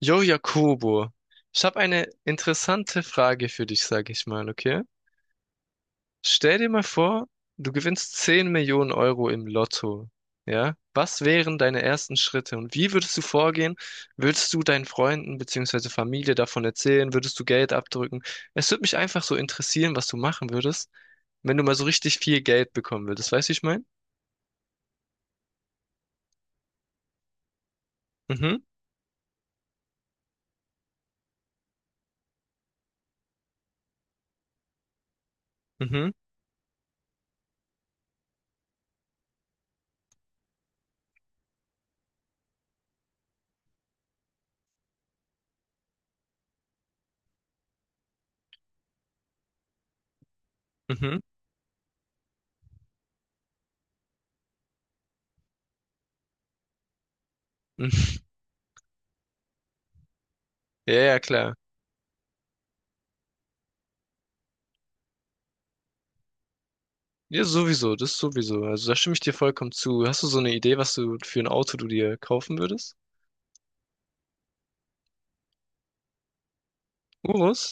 Jo, Jakobo, ich habe eine interessante Frage für dich, sage ich mal, okay? Stell dir mal vor, du gewinnst 10 Millionen Euro im Lotto, ja? Was wären deine ersten Schritte und wie würdest du vorgehen? Würdest du deinen Freunden bzw. Familie davon erzählen? Würdest du Geld abdrücken? Es würde mich einfach so interessieren, was du machen würdest, wenn du mal so richtig viel Geld bekommen würdest. Weißt du, wie ich meine? Mhm, mhm, mhm. Mhm. Ja, ja, klar. Ja, sowieso, das sowieso. Also da stimme ich dir vollkommen zu. Hast du so eine Idee, was du für ein Auto du dir kaufen würdest? Urus?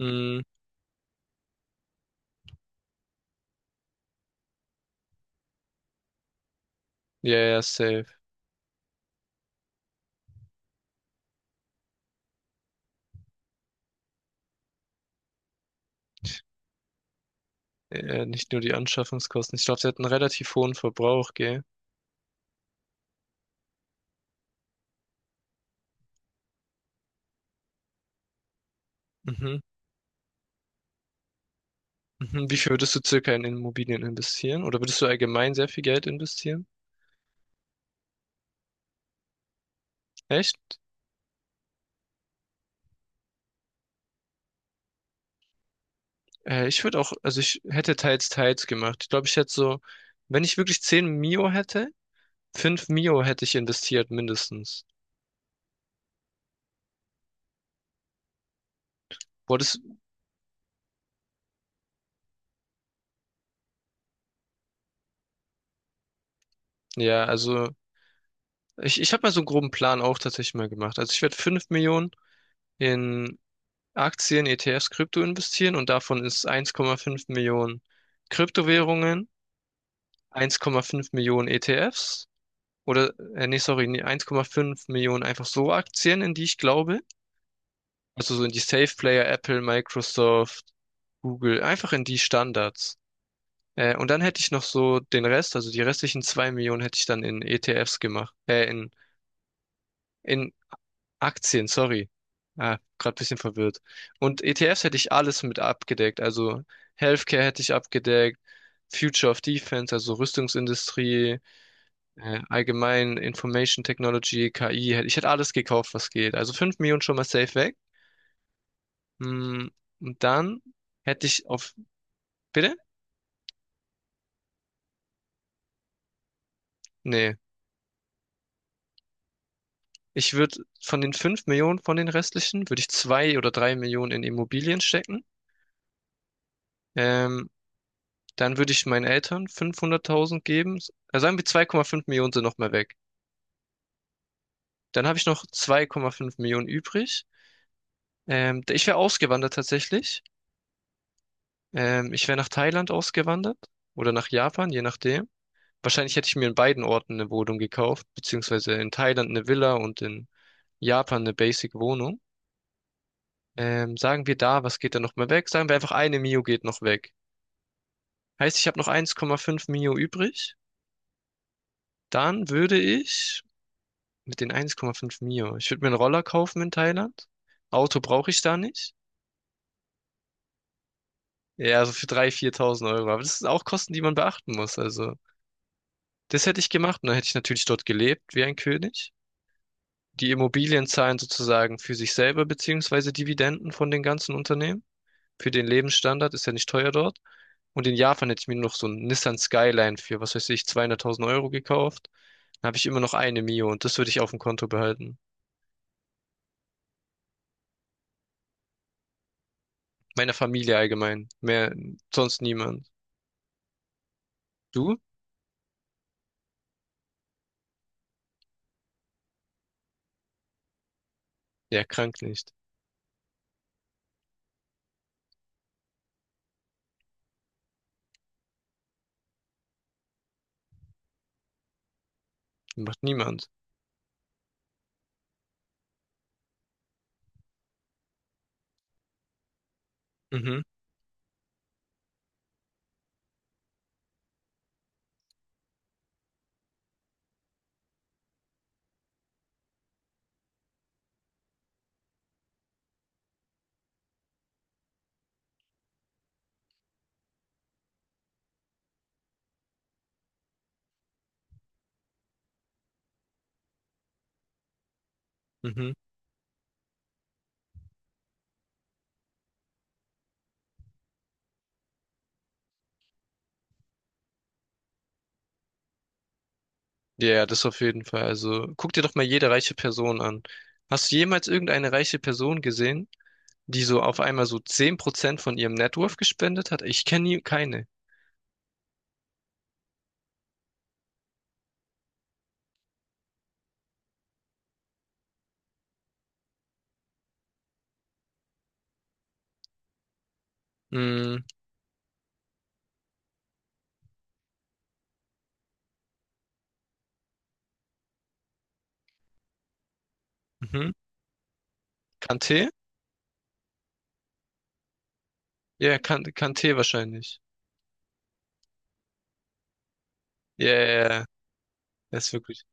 Mm, ja, ja, safe. Nicht nur die Anschaffungskosten. Ich glaube, sie hat einen relativ hohen Verbrauch, gell? Mhm. Mhm. Wie viel würdest du circa in Immobilien investieren? Oder würdest du allgemein sehr viel Geld investieren? Echt? Ich würde auch, also ich hätte teils, teils gemacht. Ich glaube, ich hätte so, wenn ich wirklich 10 Mio. Hätte, 5 Mio. Hätte ich investiert, mindestens. Boah, das, ja, also ich habe mal so einen groben Plan auch tatsächlich mal gemacht. Also ich werde 5 Millionen in Aktien, ETFs, Krypto investieren und davon ist 1,5 Millionen Kryptowährungen, 1,5 Millionen ETFs oder, nee, sorry, nee, 1,5 Millionen einfach so Aktien, in die ich glaube. Also so in die Safe Player, Apple, Microsoft, Google, einfach in die Standards. Und dann hätte ich noch so den Rest, also die restlichen 2 Millionen hätte ich dann in ETFs gemacht, in Aktien, sorry. Ah, gerade ein bisschen verwirrt. Und ETFs hätte ich alles mit abgedeckt. Also Healthcare hätte ich abgedeckt, Future of Defense, also Rüstungsindustrie, allgemein Information Technology, KI. Ich hätte alles gekauft, was geht. Also 5 Millionen schon mal safe weg. Mm, Und dann hätte ich auf. Bitte? Nee. Ich würde von den 5 Millionen von den restlichen, würde ich 2 oder 3 Millionen in Immobilien stecken. Ähm, Dann würde ich meinen Eltern 500.000 geben. Also sagen wir 2,5 Millionen sind noch mal weg. Dann habe ich noch 2,5 Millionen übrig. Ich wäre ausgewandert tatsächlich. Ich wäre nach Thailand ausgewandert oder nach Japan, je nachdem. Wahrscheinlich hätte ich mir in beiden Orten eine Wohnung gekauft, beziehungsweise in Thailand eine Villa und in Japan eine Basic-Wohnung. Sagen wir da, was geht da noch mal weg? Sagen wir einfach eine Mio geht noch weg. Heißt, ich habe noch 1,5 Mio übrig. Dann würde ich Mit den 1,5 Mio. Ich würde mir einen Roller kaufen in Thailand. Auto brauche ich da nicht. Ja, also für 3.000, 4.000 Euro. Aber das sind auch Kosten, die man beachten muss. Also, das hätte ich gemacht. Und dann hätte ich natürlich dort gelebt wie ein König. Die Immobilien zahlen sozusagen für sich selber, beziehungsweise Dividenden von den ganzen Unternehmen. Für den Lebensstandard ist ja nicht teuer dort. Und in Japan hätte ich mir noch so einen Nissan Skyline für, was weiß ich, 200.000 Euro gekauft. Dann habe ich immer noch eine Mio und das würde ich auf dem Konto behalten. Meiner Familie allgemein. Mehr, sonst niemand. Du? Ja, krank nicht. Macht niemand. Mhm, mhm. Ja, das auf jeden Fall. Also guck dir doch mal jede reiche Person an. Hast du jemals irgendeine reiche Person gesehen, die so auf einmal so 10 % von ihrem Net Worth gespendet hat? Ich kenne nie keine. Mhm, mhm. Kanté? Ja, kan Kanté wahrscheinlich. Ja, ja, ja. Das ist wirklich.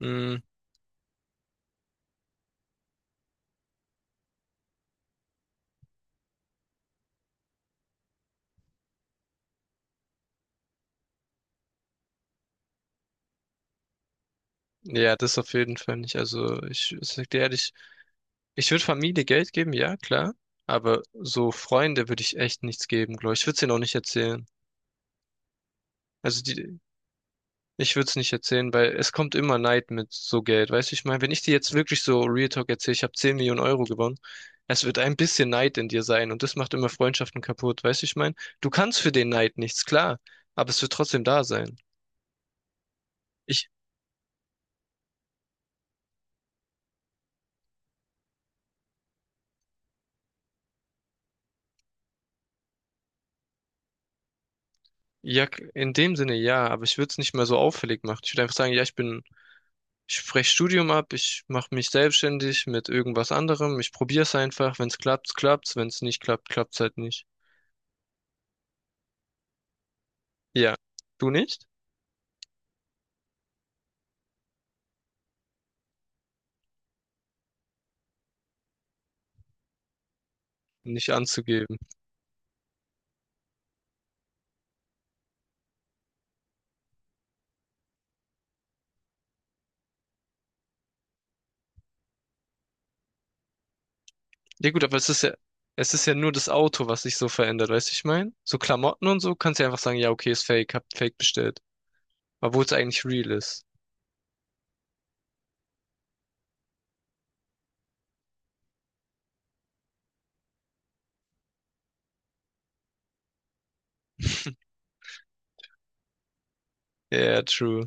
Mhm. Ja, das auf jeden Fall nicht. Also ich sag dir ehrlich, ich würde Familie Geld geben, ja, klar. Aber so Freunde würde ich echt nichts geben, glaube ich. Ich würde es ihnen auch nicht erzählen. Also die, Ich würde es nicht erzählen, weil es kommt immer Neid mit so Geld. Weißt du, ich meine, wenn ich dir jetzt wirklich so Real Talk erzähle, ich habe 10 Millionen Euro gewonnen, es wird ein bisschen Neid in dir sein und das macht immer Freundschaften kaputt. Weißt du, ich meine, du kannst für den Neid nichts, klar, aber es wird trotzdem da sein. Ich, ja, in dem Sinne ja, aber ich würde es nicht mehr so auffällig machen. Ich würde einfach sagen, ja, ich bin, ich breche Studium ab, ich mache mich selbstständig mit irgendwas anderem, ich probiere es einfach. Wenn es klappt, klappt's, wenn es nicht klappt, klappt's halt nicht. Ja, du nicht? Nicht anzugeben. Ja gut, aber es ist ja nur das Auto, was sich so verändert, weißt du, ich meine? So Klamotten und so kannst du ja einfach sagen, ja, okay, ist fake, hab fake bestellt. Obwohl es eigentlich real ist. Ja, true.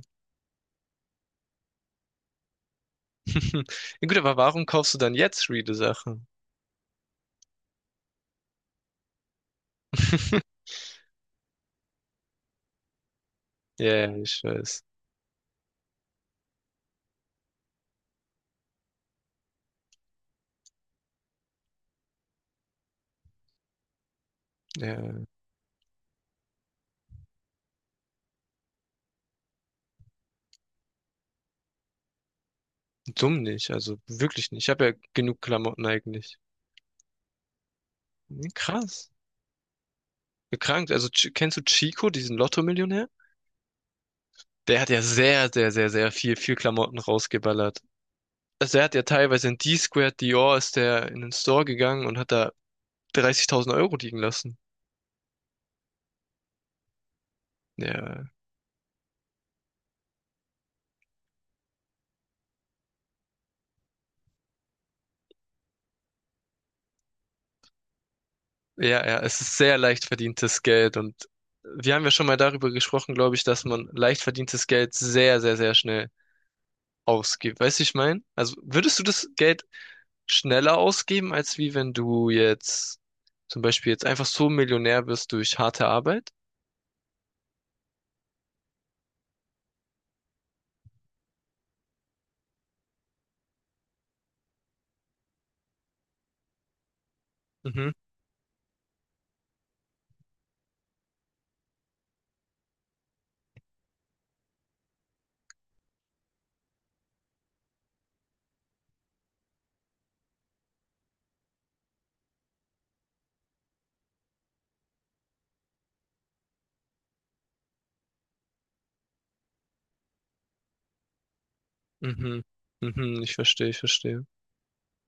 Ja gut, aber warum kaufst du dann jetzt reale Sachen? Ja, ich weiß. Ja, dumm nicht, also wirklich nicht. Ich habe ja genug Klamotten eigentlich. Nee, krass. Gekrankt. Also kennst du Chico, diesen Lotto-Millionär? Der hat ja sehr, sehr, sehr, sehr viel, viel Klamotten rausgeballert. Also er hat ja teilweise in D-Squared Dior ist der in den Store gegangen und hat da 30.000 Euro liegen lassen. Ja, ja, ja, es ist sehr leicht verdientes Geld und wir haben ja schon mal darüber gesprochen, glaube ich, dass man leicht verdientes Geld sehr, sehr, sehr schnell ausgibt. Weißt du, ich meine? Also würdest du das Geld schneller ausgeben, als wie wenn du jetzt zum Beispiel jetzt einfach so Millionär wirst durch harte Arbeit? Mhm, mhm, mhm, ich verstehe, ich verstehe.